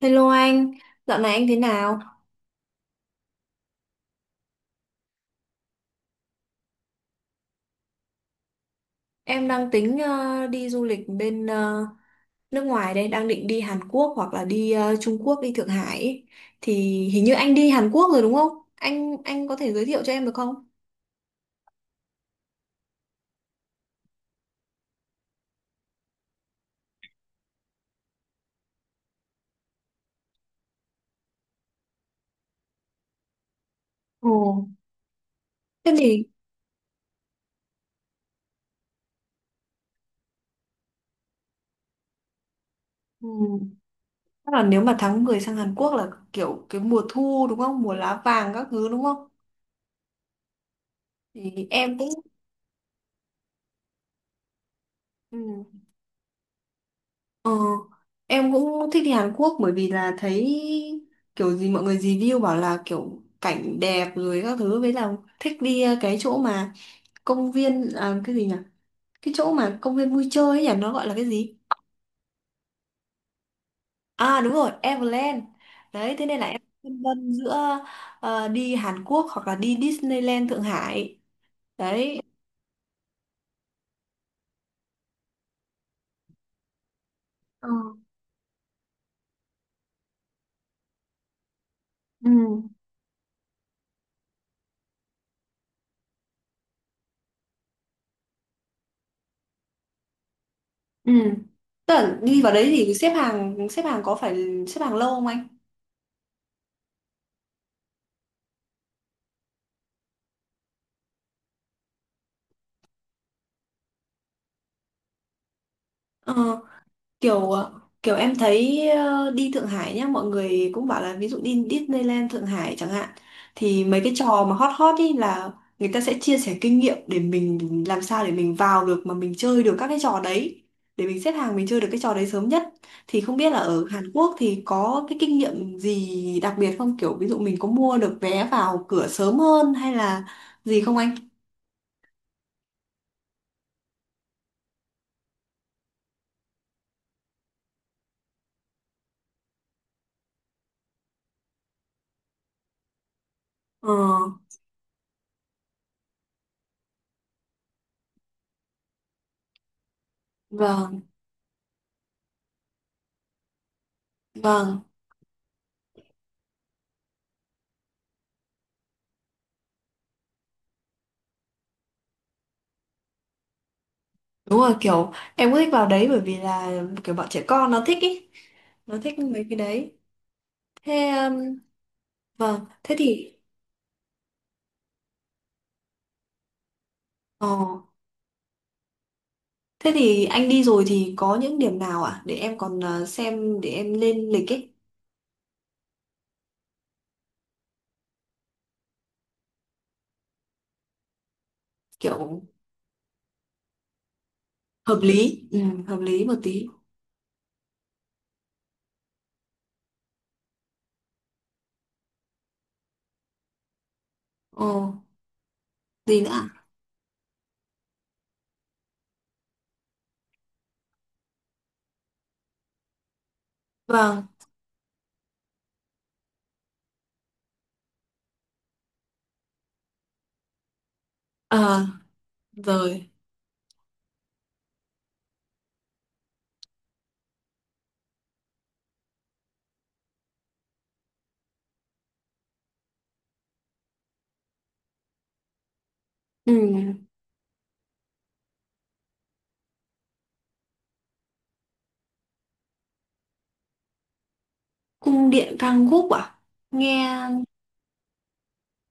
Hello anh, dạo này anh thế nào? Em đang tính đi du lịch bên nước ngoài đây, đang định đi Hàn Quốc hoặc là đi Trung Quốc, đi Thượng Hải. Ý. Thì hình như anh đi Hàn Quốc rồi đúng không? Anh có thể giới thiệu cho em được không? Ồ, thế thì ừ, chắc là nếu mà tháng 10 sang Hàn Quốc là kiểu cái mùa thu đúng không? Mùa lá vàng các thứ đúng không? Thì em cũng ừ. Ờ, em cũng thích đi Hàn Quốc bởi vì là thấy kiểu gì mọi người review bảo là kiểu cảnh đẹp rồi các thứ với là thích đi cái chỗ mà công viên à, cái gì nhỉ? Cái chỗ mà công viên vui chơi ấy nhỉ, nó gọi là cái gì? À đúng rồi, Everland. Đấy, thế nên là em phân vân giữa đi Hàn Quốc hoặc là đi Disneyland Thượng Hải. Đấy. Ờ, ừ. Ừ. Tức là đi vào đấy thì xếp hàng có phải xếp hàng lâu không anh? Ờ. Kiểu kiểu em thấy đi Thượng Hải nhá mọi người cũng bảo là ví dụ đi Disneyland Thượng Hải chẳng hạn thì mấy cái trò mà hot hot ý là người ta sẽ chia sẻ kinh nghiệm để mình làm sao để mình vào được mà mình chơi được các cái trò đấy để mình xếp hàng mình chơi được cái trò đấy sớm nhất thì không biết là ở Hàn Quốc thì có cái kinh nghiệm gì đặc biệt không kiểu ví dụ mình có mua được vé vào cửa sớm hơn hay là gì không anh? Ờ, vâng, vâng. Đúng rồi kiểu em cũng thích vào đấy bởi vì là kiểu bọn trẻ con nó thích ý, nó thích mấy cái đấy. Thế vâng thế thì ờ, thế thì anh đi rồi thì có những điểm nào ạ để em còn xem để em lên lịch ấy, kiểu hợp lý ừ, hợp lý một tí. Ồ, gì nữa ạ. Vâng. Ờ. Rồi. Ừ. Cung điện Kangguk à, nghe.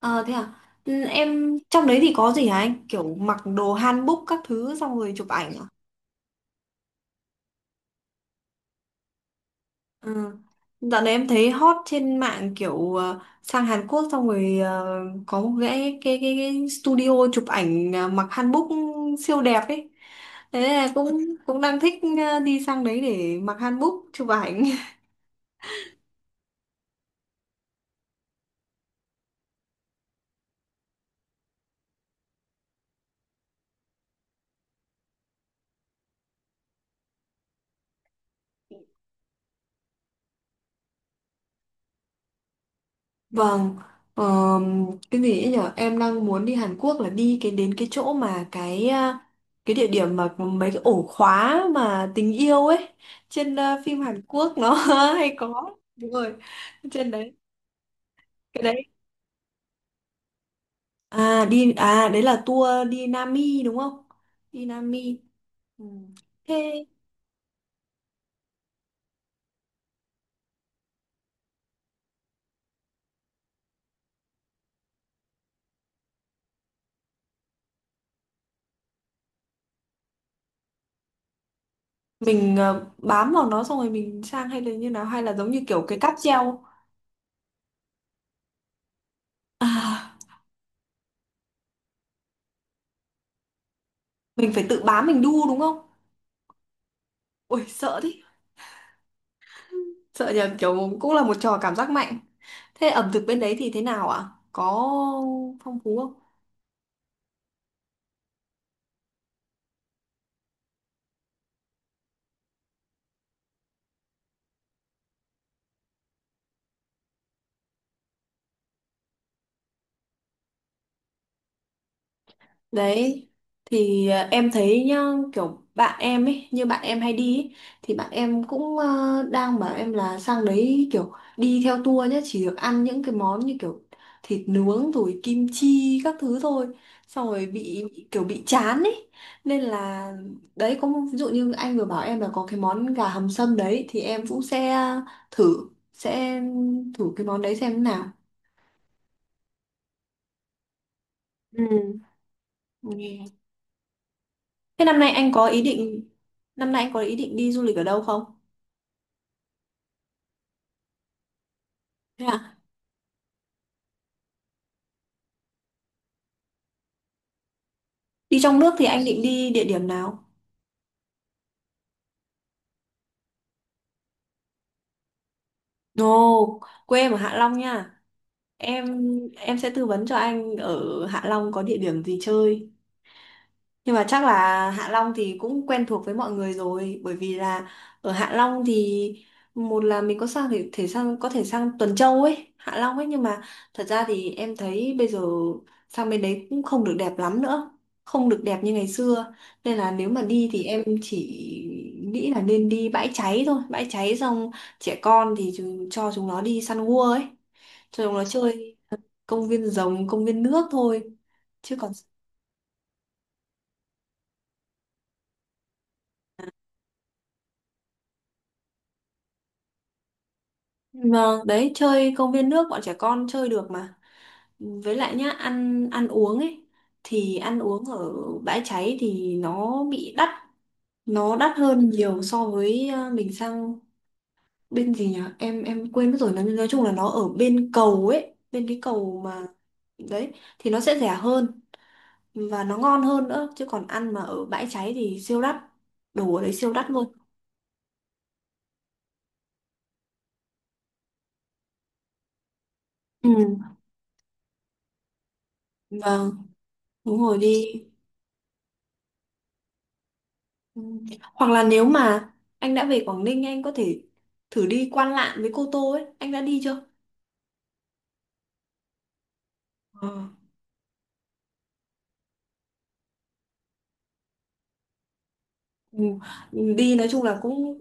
Ờ thế à. Ừ, em trong đấy thì có gì hả anh kiểu mặc đồ hanbok các thứ xong rồi chụp ảnh à? Ừ. Dạo này em thấy hot trên mạng kiểu sang Hàn Quốc xong rồi có một cái studio chụp ảnh mặc hanbok siêu đẹp ấy. Thế là cũng cũng đang thích đi sang đấy để mặc hanbok chụp ảnh. Vâng. Ờ, cái gì ấy nhở? Em đang muốn đi Hàn Quốc là đi cái đến cái chỗ mà cái địa điểm mà có mấy cái ổ khóa mà tình yêu ấy trên phim Hàn Quốc nó hay có. Đúng rồi. Trên đấy cái đấy. À đi à đấy là tour đi Nam Mi đúng không? Đi Nam Mi. Ừ. Thế mình bám vào nó xong rồi mình sang hay là như nào hay là giống như kiểu cái cáp treo. À mình phải tự bám mình đu đúng không? Ôi sợ thế. Sợ nhờ, kiểu cũng là một trò cảm giác mạnh. Thế ẩm thực bên đấy thì thế nào ạ? Có phong phú không? Đấy thì à, em thấy nhá kiểu bạn em ấy, như bạn em hay đi ấy, thì bạn em cũng đang bảo em là sang đấy kiểu đi theo tour nhá chỉ được ăn những cái món như kiểu thịt nướng rồi kim chi các thứ thôi xong rồi kiểu bị chán ấy nên là đấy có ví dụ như anh vừa bảo em là có cái món gà hầm sâm đấy thì em cũng sẽ thử cái món đấy xem thế nào. Ừ. Ừ. Thế năm nay anh có ý định đi du lịch ở đâu không? Thế à? Đi trong nước thì anh định đi địa điểm nào? Ồ, quê em ở Hạ Long nha. Em em sẽ tư vấn cho anh ở Hạ Long có địa điểm gì chơi. Nhưng mà chắc là Hạ Long thì cũng quen thuộc với mọi người rồi bởi vì là ở Hạ Long thì một là mình có sang thể, thể sang có thể sang Tuần Châu ấy, Hạ Long ấy nhưng mà thật ra thì em thấy bây giờ sang bên đấy cũng không được đẹp lắm nữa, không được đẹp như ngày xưa. Nên là nếu mà đi thì em chỉ nghĩ là nên đi bãi cháy thôi, bãi cháy xong trẻ con thì cho chúng nó đi săn gua ấy, cho chúng nó chơi công viên rồng, công viên nước thôi. Chứ còn vâng, đấy chơi công viên nước bọn trẻ con chơi được mà. Với lại nhá, ăn ăn uống ấy thì ăn uống ở bãi cháy thì nó bị đắt, nó đắt hơn nhiều so với mình sang bên gì nhỉ? Em quên mất rồi, nói chung là nó ở bên cầu ấy, bên cái cầu mà đấy thì nó sẽ rẻ hơn và nó ngon hơn nữa chứ còn ăn mà ở bãi cháy thì siêu đắt. Đồ ở đấy siêu đắt luôn. Ừ. Vâng, đúng rồi đi. Ừ. Hoặc là nếu mà anh đã về Quảng Ninh anh có thể thử đi Quan Lạn với Cô Tô ấy, anh đã đi chưa? Ờ. Ừ. Ừ, đi nói chung là cũng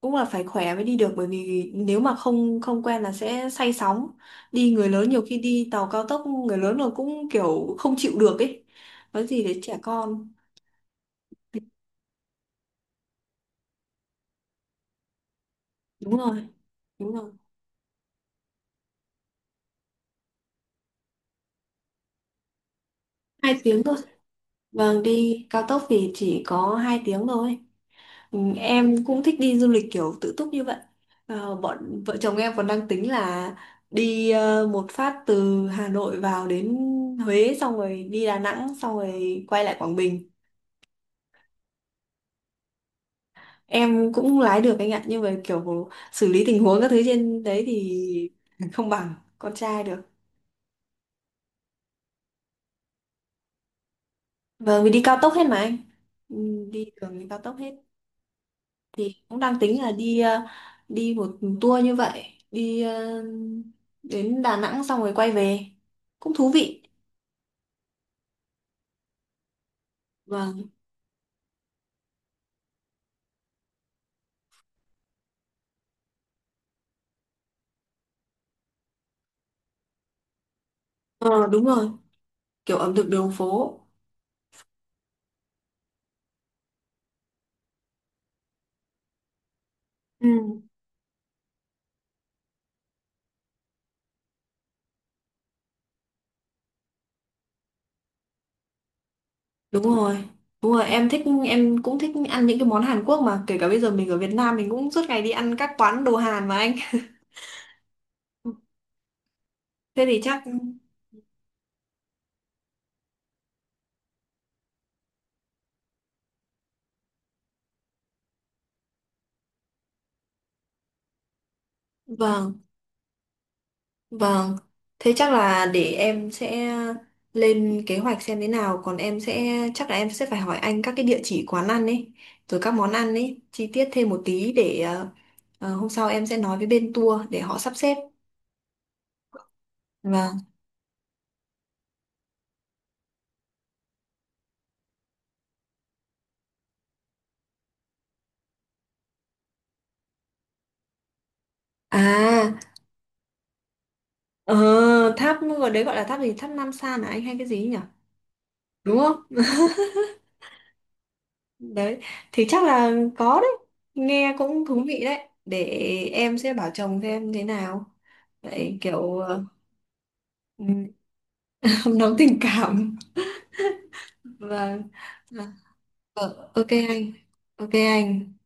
cũng là phải khỏe mới đi được bởi vì nếu mà không không quen là sẽ say sóng. Đi người lớn nhiều khi đi tàu cao tốc người lớn là cũng kiểu không chịu được ấy. Nói gì để trẻ con. Đúng rồi, đúng rồi. Hai tiếng thôi. Vâng, đi cao tốc thì chỉ có hai tiếng thôi. Ừ, em cũng thích đi du lịch kiểu tự túc như vậy. Ờ, bọn vợ chồng em còn đang tính là đi một phát từ Hà Nội vào đến Huế xong rồi đi Đà Nẵng xong rồi quay lại Quảng Bình. Em cũng lái được anh ạ, nhưng mà kiểu xử lý tình huống các thứ trên đấy thì không bằng con trai được. Vâng, vì đi cao tốc hết mà anh. Ừ, đi đường cao tốc hết. Thì cũng đang tính là đi đi một tour như vậy đi đến Đà Nẵng xong rồi quay về cũng thú vị. Vâng. Ờ, đúng rồi, kiểu ẩm thực đường phố. Ừ. Đúng rồi, đúng rồi em thích, em cũng thích ăn những cái món Hàn Quốc mà kể cả bây giờ mình ở Việt Nam mình cũng suốt ngày đi ăn các quán đồ Hàn mà anh. Thế thì chắc vâng. Vâng, thế chắc là để em sẽ lên kế hoạch xem thế nào. Còn em sẽ, chắc là em sẽ phải hỏi anh các cái địa chỉ quán ăn ấy, rồi các món ăn ấy, chi tiết thêm một tí để hôm sau em sẽ nói với bên tour để họ sắp xếp. Vâng, à, ờ, tháp, ở đấy gọi là tháp gì, tháp Nam San à anh hay cái gì nhỉ? Đúng không? Đấy, thì chắc là có đấy. Nghe cũng thú vị đấy. Để em sẽ bảo chồng xem thế nào. Vậy kiểu ừm, nóng tình cảm. Vâng. Vâng. Ờ, ok anh. Ok anh.